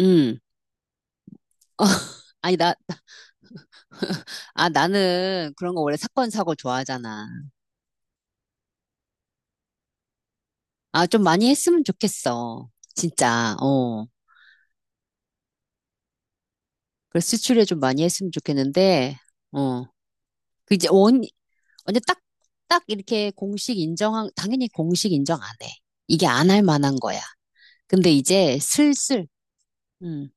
음. 어, 아니, 나, 아, 나는 그런 거 원래 사건, 사고 좋아하잖아. 아, 좀 많이 했으면 좋겠어. 진짜, 어. 그래서 수출에 좀 많이 했으면 좋겠는데, 어. 그 이제 원, 언제 딱 이렇게 공식 인정한, 당연히 공식 인정 안 해. 이게 안 할 만한 거야. 근데 이제 슬슬, 음,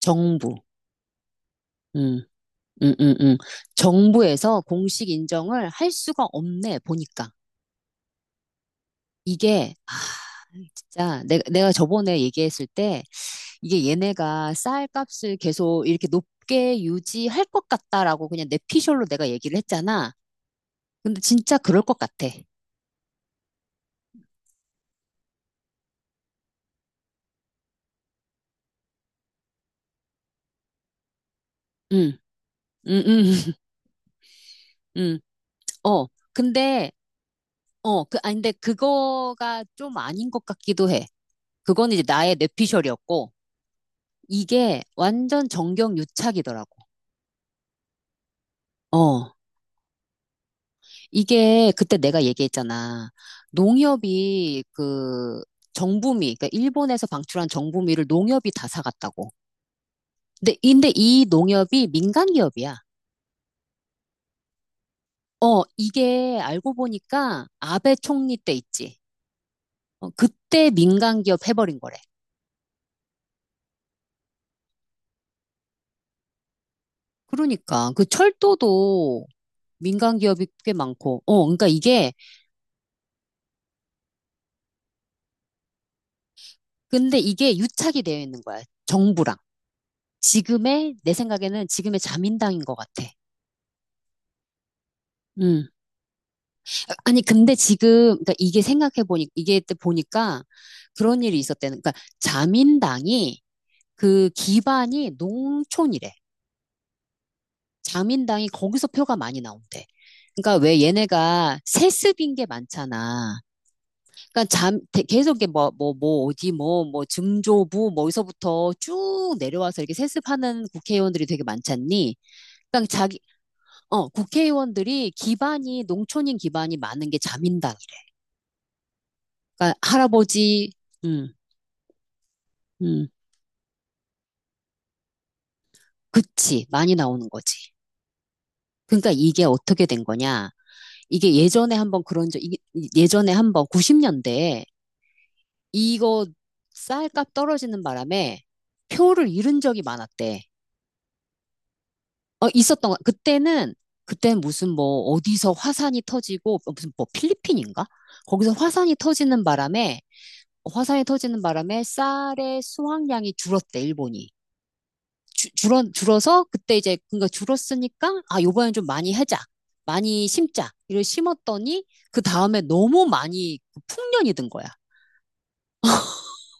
정부, 음, 음, 음, 음. 정부에서 공식 인정을 할 수가 없네, 보니까. 이게, 아, 진짜 내가 저번에 얘기했을 때 이게 얘네가 쌀값을 계속 이렇게 높게 유지할 것 같다라고 그냥 내피셜로 내가 얘기를 했잖아. 근데 진짜 그럴 것 같아. 응, 응, 응, 응. 어, 근데, 어, 그, 아, 근데 그거가 좀 아닌 것 같기도 해. 그건 이제 나의 내피셜이었고, 이게 완전 정경유착이더라고. 어, 이게 그때 내가 얘기했잖아. 농협이 그 정부미, 그러니까 일본에서 방출한 정부미를 농협이 다 사갔다고. 근데 이 농협이 민간 기업이야. 어, 이게 알고 보니까 아베 총리 때 있지. 어, 그때 민간 기업 해버린 거래. 그러니까 그 철도도 민간 기업이 꽤 많고, 어, 그러니까 이게, 근데 이게 유착이 되어 있는 거야. 정부랑. 지금의, 내 생각에는 지금의 자민당인 것 같아. 응. 아니, 근데 지금, 그러니까 이게 생각해보니, 이게 때 보니까 그런 일이 있었대는 그러니까 자민당이 그 기반이 농촌이래. 자민당이 거기서 표가 많이 나온대. 그러니까 왜 얘네가 세습인 게 많잖아. 그러니까 계속 이게 뭐, 뭐, 뭐, 어디 뭐, 뭐, 증조부, 뭐, 어디서부터 쭉 내려와서 이렇게 세습하는 국회의원들이 되게 많잖니. 그러니까 자기, 어, 국회의원들이 기반이, 농촌인 기반이 많은 게 자민당이래. 그러니까 할아버지, 음. 음, 그치. 많이 나오는 거지. 그러니까 이게 어떻게 된 거냐. 이게 예전에 한번 그런 적, 이게 예전에 한번 90년대에 이거 쌀값 떨어지는 바람에 표를 잃은 적이 많았대. 어, 있었던 거. 그때는, 그때 무슨 뭐 어디서 화산이 터지고, 어, 무슨 뭐 필리핀인가? 거기서 화산이 터지는 바람에, 화산이 터지는 바람에 쌀의 수확량이 줄었대, 일본이. 줄어서 그때 이제 그러니까 줄었으니까 아 요번엔 좀 많이 하자 많이 심자 이를 심었더니 그 다음에 너무 많이 그 풍년이 든 거야.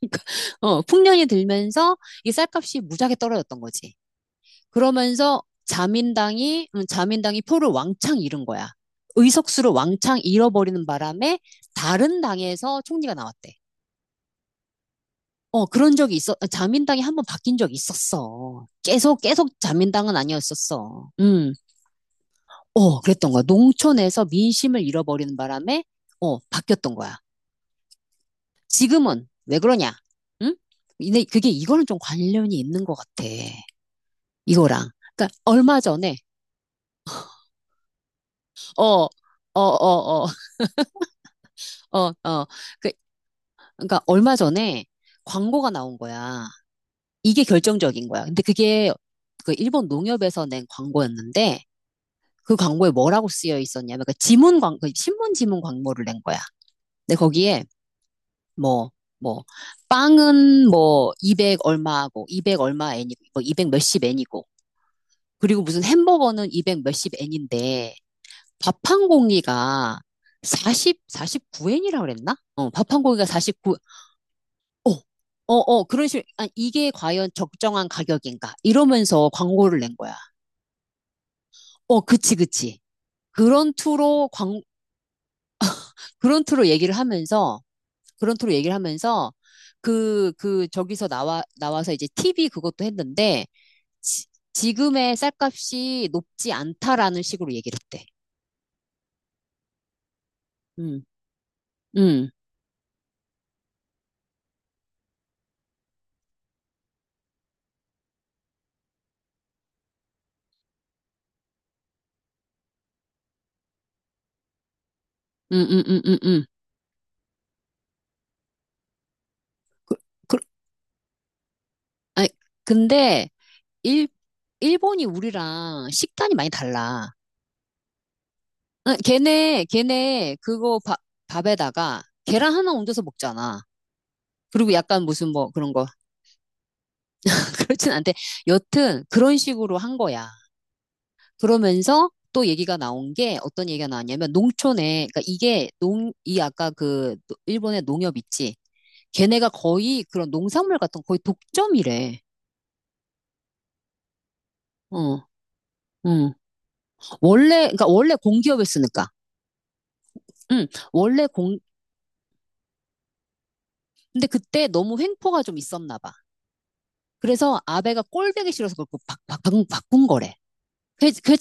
어 풍년이 들면서 이 쌀값이 무지하게 떨어졌던 거지. 그러면서 자민당이 표를 왕창 잃은 거야. 의석수를 왕창 잃어버리는 바람에 다른 당에서 총리가 나왔대. 어 그런 적이 있어. 자민당이 한 번 바뀐 적이 있었어. 계속 계속 자민당은 아니었었어. 음. 어, 그랬던 거야. 농촌에서 민심을 잃어버리는 바람에, 어, 바뀌었던 거야. 지금은 왜 그러냐? 응? 근데 그게 이거는 좀 관련이 있는 것 같아. 이거랑. 그러니까 얼마 전에, 어, 어, 어, 어, 어, 어. 그, 그러니까 얼마 전에 광고가 나온 거야. 이게 결정적인 거야. 근데 그게 그 일본 농협에서 낸 광고였는데, 그 광고에 뭐라고 쓰여 있었냐면, 그 신문 지문 광고를 낸 거야. 근데 거기에 뭐, 뭐, 빵은 뭐, 200 얼마하고, 200 얼마 엔이고, 뭐, 200 몇십 엔이고, 그리고 무슨 햄버거는 200 몇십 엔인데, 밥 한 공기가 40, 49엔이라 그랬나? 어, 밥 한 공기가 49, 어, 어, 어, 그런 식으로, 아, 이게 과연 적정한 가격인가? 이러면서 광고를 낸 거야. 어, 그치, 그치. 그런 투로 광고 그런 투로 얘기를 하면서 그런 투로 얘기를 하면서 그, 그, 저기서 나와, 나와서 이제 TV 그것도 했는데, 지, 지금의 쌀값이 높지 않다라는 식으로 얘기를 했대. 음, 음, 음, 음, 음, 음, 음. 그, 그, 아니, 근데, 일, 일본이 우리랑 식단이 많이 달라. 아, 걔네, 걔네, 그거 밥, 밥에다가 계란 하나 얹어서 먹잖아. 그리고 약간 무슨 뭐 그런 거. 그렇진 않대. 여튼, 그런 식으로 한 거야. 그러면서 또 얘기가 나온 게 어떤 얘기가 나왔냐면 농촌에 그러니까 이게 농 이 아까 그 일본의 농협 있지 걔네가 거의 그런 농산물 같은 거 거의 독점이래. 어, 음. 원래 그러니까 원래 공기업이었으니까. 음, 원래 공 근데 그때 너무 횡포가 좀 있었나 봐. 그래서 아베가 꼴보기 싫어서 그걸 바꾼 거래. 그, 그,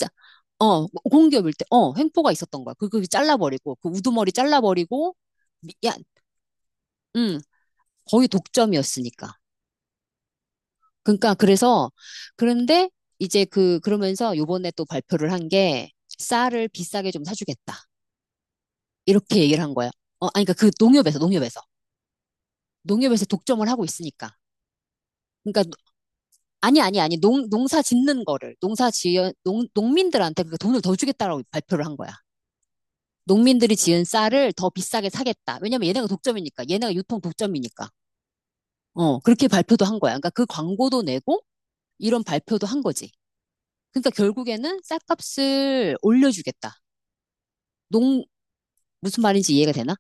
어, 공기업일 때, 어, 횡포가 있었던 거야. 그거 잘라버리고, 그 우두머리 잘라버리고, 미- 야, 음, 거의 독점이었으니까. 그러니까 그래서 그런데 이제 그 그러면서 요번에 또 발표를 한 게 쌀을 비싸게 좀 사주겠다. 이렇게 얘기를 한 거야. 어, 아니 그러니까 그 농협에서 독점을 하고 있으니까. 그러니까 노- 아니 아니 아니 농 농사 짓는 거를 농사 지은 농 농민들한테 그 돈을 더 주겠다라고 발표를 한 거야. 농민들이 지은 쌀을 더 비싸게 사겠다. 왜냐면 얘네가 독점이니까. 얘네가 유통 독점이니까. 어, 그렇게 발표도 한 거야. 그러니까 그 광고도 내고 이런 발표도 한 거지. 그러니까 결국에는 쌀값을 올려주겠다. 농, 무슨 말인지 이해가 되나?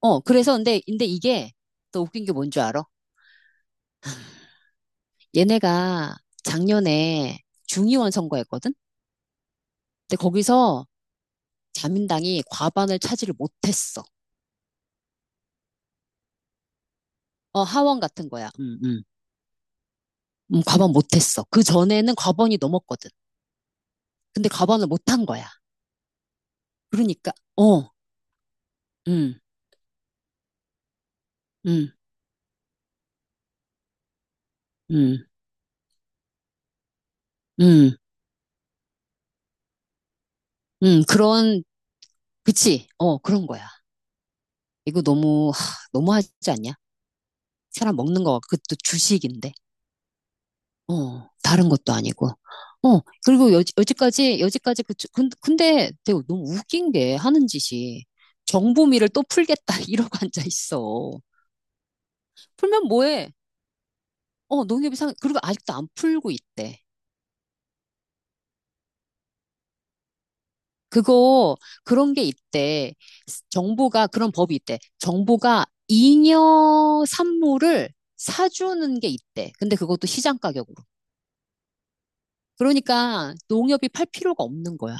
어, 그래서 근데 이게 또 웃긴 게 뭔 줄 알아? 얘네가 작년에 중의원 선거했거든? 근데 거기서 자민당이 과반을 차지를 못했어. 어, 하원 같은 거야. 과반 못했어. 그 전에는 과반이 넘었거든. 근데 과반을 못한 거야. 그러니까, 어, 음, 음, 음, 음, 그런, 그치? 어, 그런 거야. 이거 너무, 하, 너무하지 않냐? 사람 먹는 거 그것도 주식인데. 어, 다른 것도 아니고. 어, 그리고 여, 여지까지 그, 근데 되게 너무 웃긴 게 하는 짓이 정보미를 또 풀겠다 이러고 앉아 있어. 풀면 뭐해? 어, 농협이상, 그리고 아직도 안 풀고 있대. 그거, 그런 게 있대. 정보가, 그런 법이 있대. 정보가 잉여 산물을 사주는 게 있대. 근데 그것도 시장 가격으로. 그러니까 농협이 팔 필요가 없는 거야.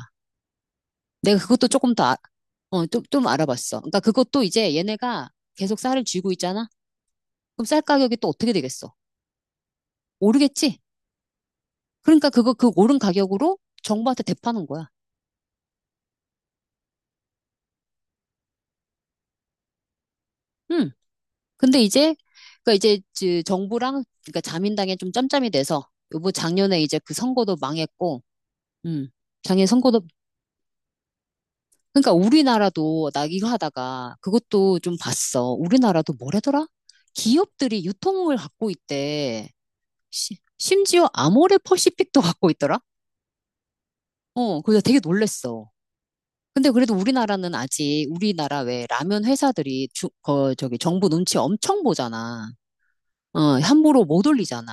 내가 그것도 조금 더, 아- 어, 좀, 좀 알아봤어. 그러니까 그것도 이제 얘네가 계속 쌀을 쥐고 있잖아? 그럼 쌀 가격이 또 어떻게 되겠어? 오르겠지? 그러니까 그거, 그 오른 가격으로 정부한테 대파는 거야. 응. 근데 이제, 그러니까 이제 그 정부랑, 그러니까 자민당에 좀 짬짬이 돼서, 요번 작년에 이제 그 선거도 망했고, 음. 작년 선거도, 그러니까 우리나라도, 나 이거 하다가 그것도 좀 봤어. 우리나라도 뭐래더라? 기업들이 유통을 갖고 있대. 심지어 아모레 퍼시픽도 갖고 있더라? 어, 그래서 되게 놀랬어. 근데 그래도 우리나라는 아직 우리나라 왜 라면 회사들이 주, 거, 저기 정부 눈치 엄청 보잖아. 어, 함부로 못 올리잖아.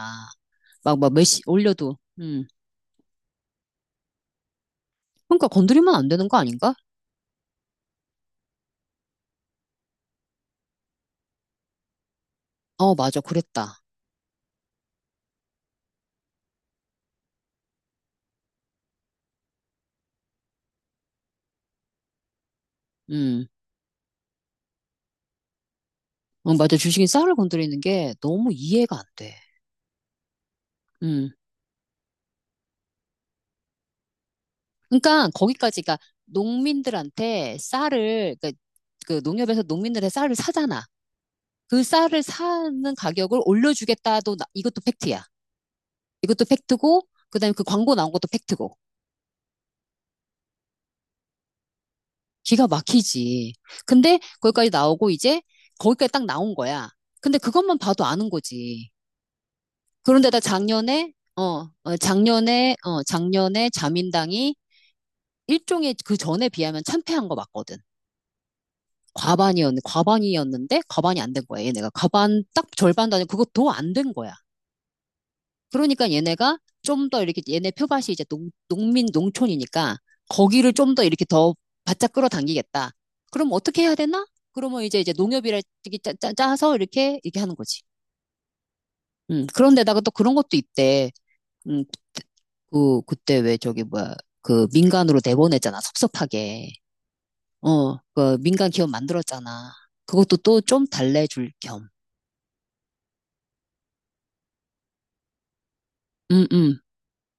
막 몇시 올려도. 음. 그러니까 건드리면 안 되는 거 아닌가? 어, 맞아. 그랬다. 음. 어, 맞아. 주식인 쌀을 건드리는 게 너무 이해가 안 돼. 음. 그러니까 거기까지가 농민들한테 쌀을, 그러니까 그 농협에서 농민들의 쌀을 사잖아. 그 쌀을 사는 가격을 올려주겠다도 이것도 팩트야. 이것도 팩트고 그다음에 그 광고 나온 것도 팩트고 기가 막히지. 근데 거기까지 나오고 이제 거기까지 딱 나온 거야. 근데 그것만 봐도 아는 거지. 그런데다 작년에 어, 어, 작년에 어 작년에 자민당이 일종의 그 전에 비하면 참패한 거 맞거든. 과반이었는데 과반이 안 된 거야. 얘네가 과반 딱 절반도 아니고 그것도 안 된 거야. 그러니까 얘네가 좀 더 이렇게 얘네 표밭이 이제 농민 농촌이니까 거기를 좀 더 이렇게 더 바짝 끌어당기겠다. 그럼 어떻게 해야 되나? 그러면 이제 농협이라 짜서 이렇게 이렇게 하는 거지. 그런데다가 또 그런 것도 있대. 음, 그 그때 왜 저기 뭐야 그 민간으로 내보냈잖아 섭섭하게. 어, 그 민간 기업 만들었잖아. 그것도 또 좀 달래줄 겸. 음, 음.